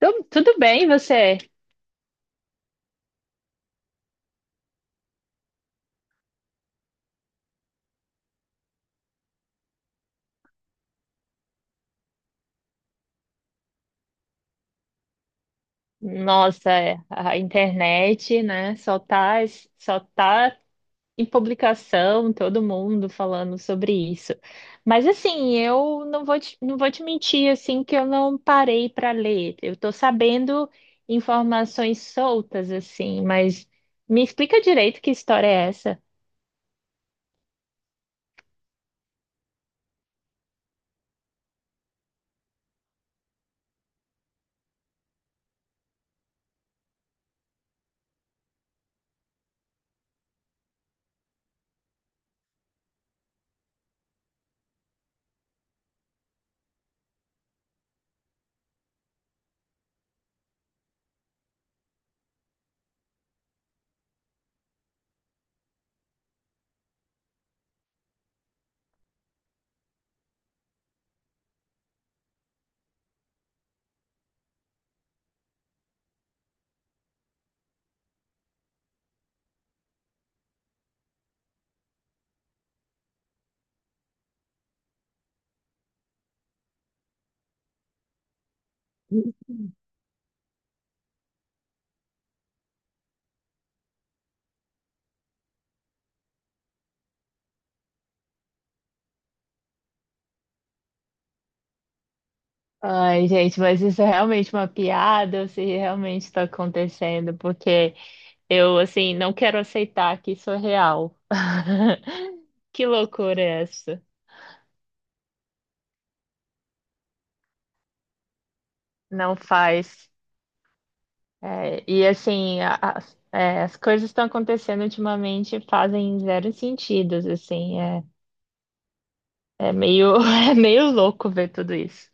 Tudo bem, você? Nossa, é, a internet, né? Só tá em publicação, todo mundo falando sobre isso. Mas assim, eu não vou te, não vou te mentir assim que eu não parei para ler. Eu tô sabendo informações soltas assim, mas me explica direito que história é essa? Ai, gente, mas isso é realmente uma piada ou se realmente está acontecendo? Porque eu, assim, não quero aceitar que isso é real. Que loucura é essa? Não faz. É, e, assim, as coisas estão acontecendo ultimamente e fazem zero sentido, assim. É meio, é meio louco ver tudo isso.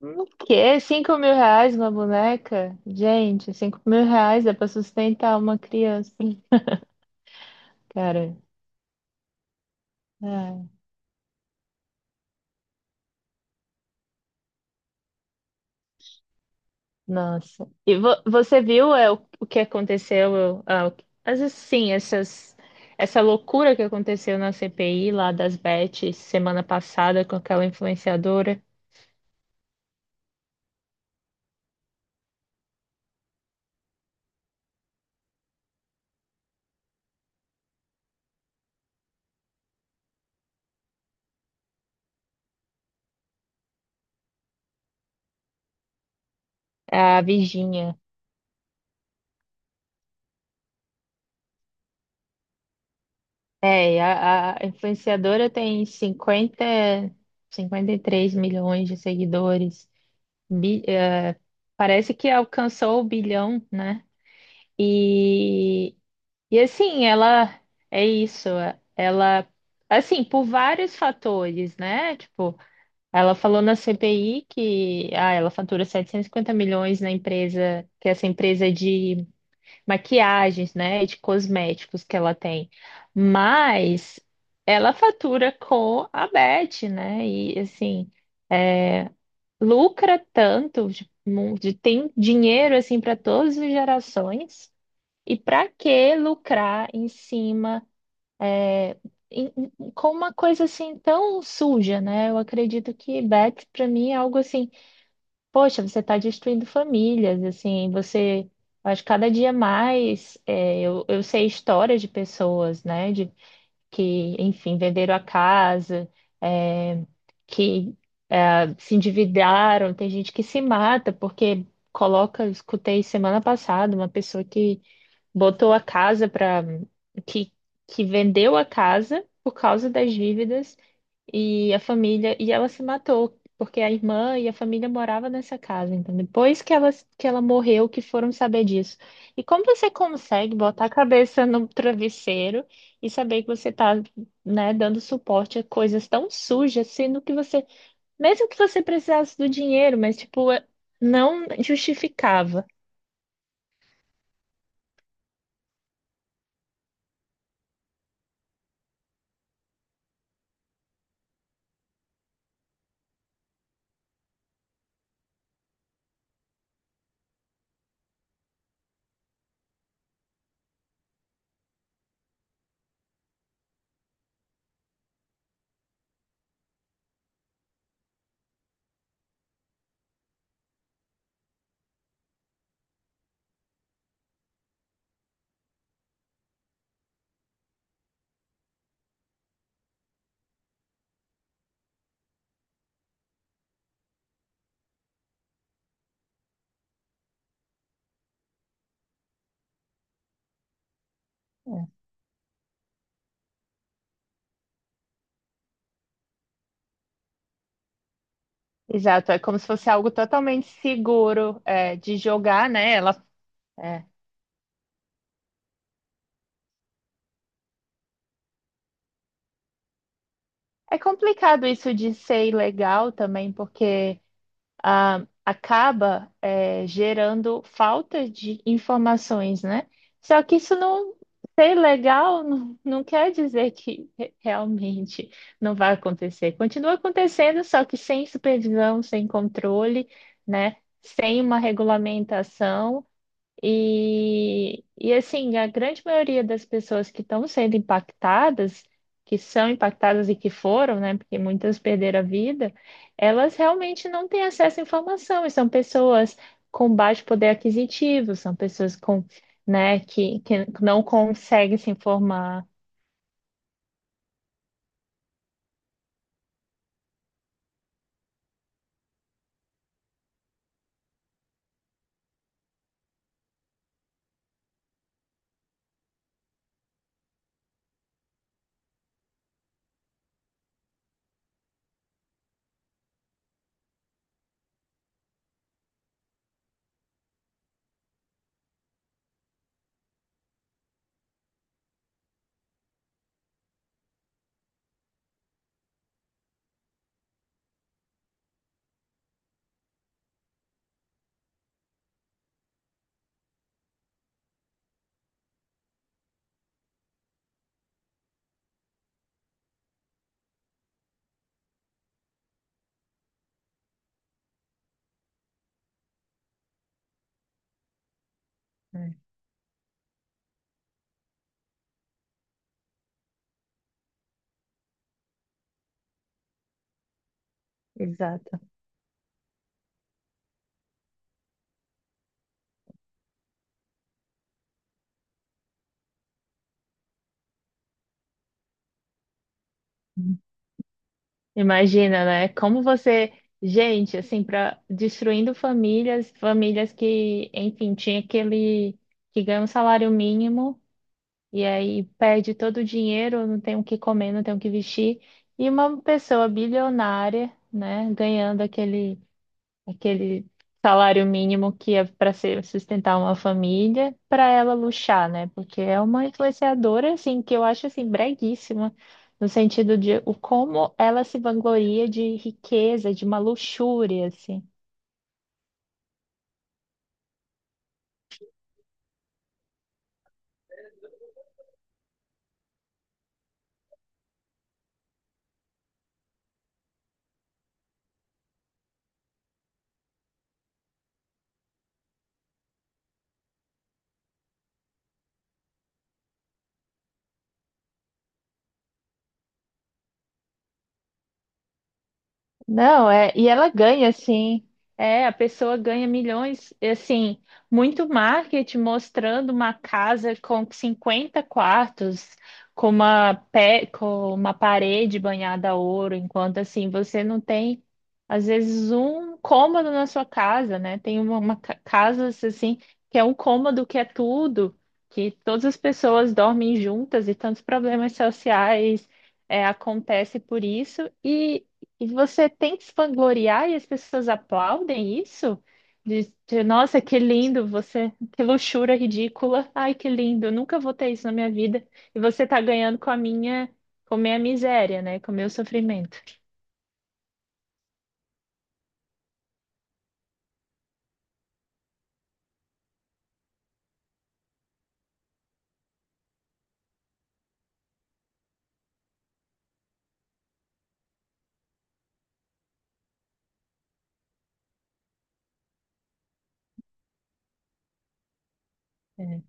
O quê? 5 mil reais uma boneca? Gente, 5 mil reais é pra sustentar uma criança. Cara, é. Nossa. E você viu o que aconteceu? Às vezes, sim, essa loucura que aconteceu na CPI lá das Bet semana passada com aquela influenciadora, a Virginia. É, e a influenciadora tem cinquenta e três milhões de seguidores. Bi- eh, Parece que alcançou o bilhão, né? E E assim, é isso, ela assim, por vários fatores, né? Tipo, ela falou na CPI que ela fatura 750 milhões na empresa, que é essa empresa de maquiagens, né, de cosméticos que ela tem. Mas ela fatura com a Beth, né? E assim, lucra tanto, tem dinheiro assim para todas as gerações. E para que lucrar em cima com uma coisa assim tão suja, né? Eu acredito que Beth, para mim, é algo assim, poxa, você está destruindo famílias, assim, você. Eu Acho que cada dia mais eu sei histórias de pessoas, né? De que, enfim, venderam a casa, é, que é, se endividaram, tem gente que se mata, porque coloca, eu escutei semana passada uma pessoa que botou a casa para que, que vendeu a casa por causa das dívidas e a família e ela se matou porque a irmã e a família morava nessa casa. Então depois que ela morreu que foram saber disso. E como você consegue botar a cabeça no travesseiro e saber que você está, né, dando suporte a coisas tão sujas, sendo que você mesmo que você precisasse do dinheiro, mas tipo é, não justificava. Exato, é como se fosse algo totalmente seguro, é, de jogar, né? Ela, é. É complicado isso de ser ilegal também, porque ah, acaba é, gerando falta de informações, né? Só que isso não, ser ilegal não, não quer dizer que realmente não vai acontecer. Continua acontecendo, só que sem supervisão, sem controle, né? Sem uma regulamentação. E assim, a grande maioria das pessoas que estão sendo impactadas, que são impactadas e que foram, né, porque muitas perderam a vida, elas realmente não têm acesso à informação, e são pessoas com baixo poder aquisitivo, são pessoas com, né, que não conseguem se informar. É, exato. Imagina, né? Como você, gente, assim, para destruindo famílias, famílias que, enfim, tinha aquele que ganha um salário mínimo e aí perde todo o dinheiro, não tem o que comer, não tem o que vestir, e uma pessoa bilionária, né, ganhando aquele salário mínimo que é para ser sustentar uma família, para ela luxar, né? Porque é uma influenciadora assim que eu acho assim breguíssima no sentido de o como ela se vangloria de riqueza, de uma luxúria assim. Não, é, e ela ganha, assim, é, a pessoa ganha milhões, e, assim, muito marketing mostrando uma casa com 50 quartos, com uma, pé, com uma parede banhada a ouro, enquanto, assim, você não tem, às vezes, um cômodo na sua casa, né? Tem uma casas, assim, que é um cômodo que é tudo, que todas as pessoas dormem juntas e tantos problemas sociais é, acontece por isso. E você tem que se vangloriar e as pessoas aplaudem isso? Nossa, que lindo você, que luxúria ridícula. Ai, que lindo, eu nunca vou ter isso na minha vida. E você tá ganhando com a minha miséria, né? Com o meu sofrimento. É,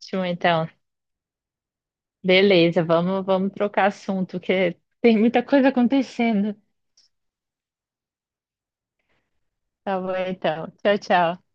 ótimo, então. Beleza, vamos trocar assunto, que tem muita coisa acontecendo. Tá bom, então. Tchau, tchau.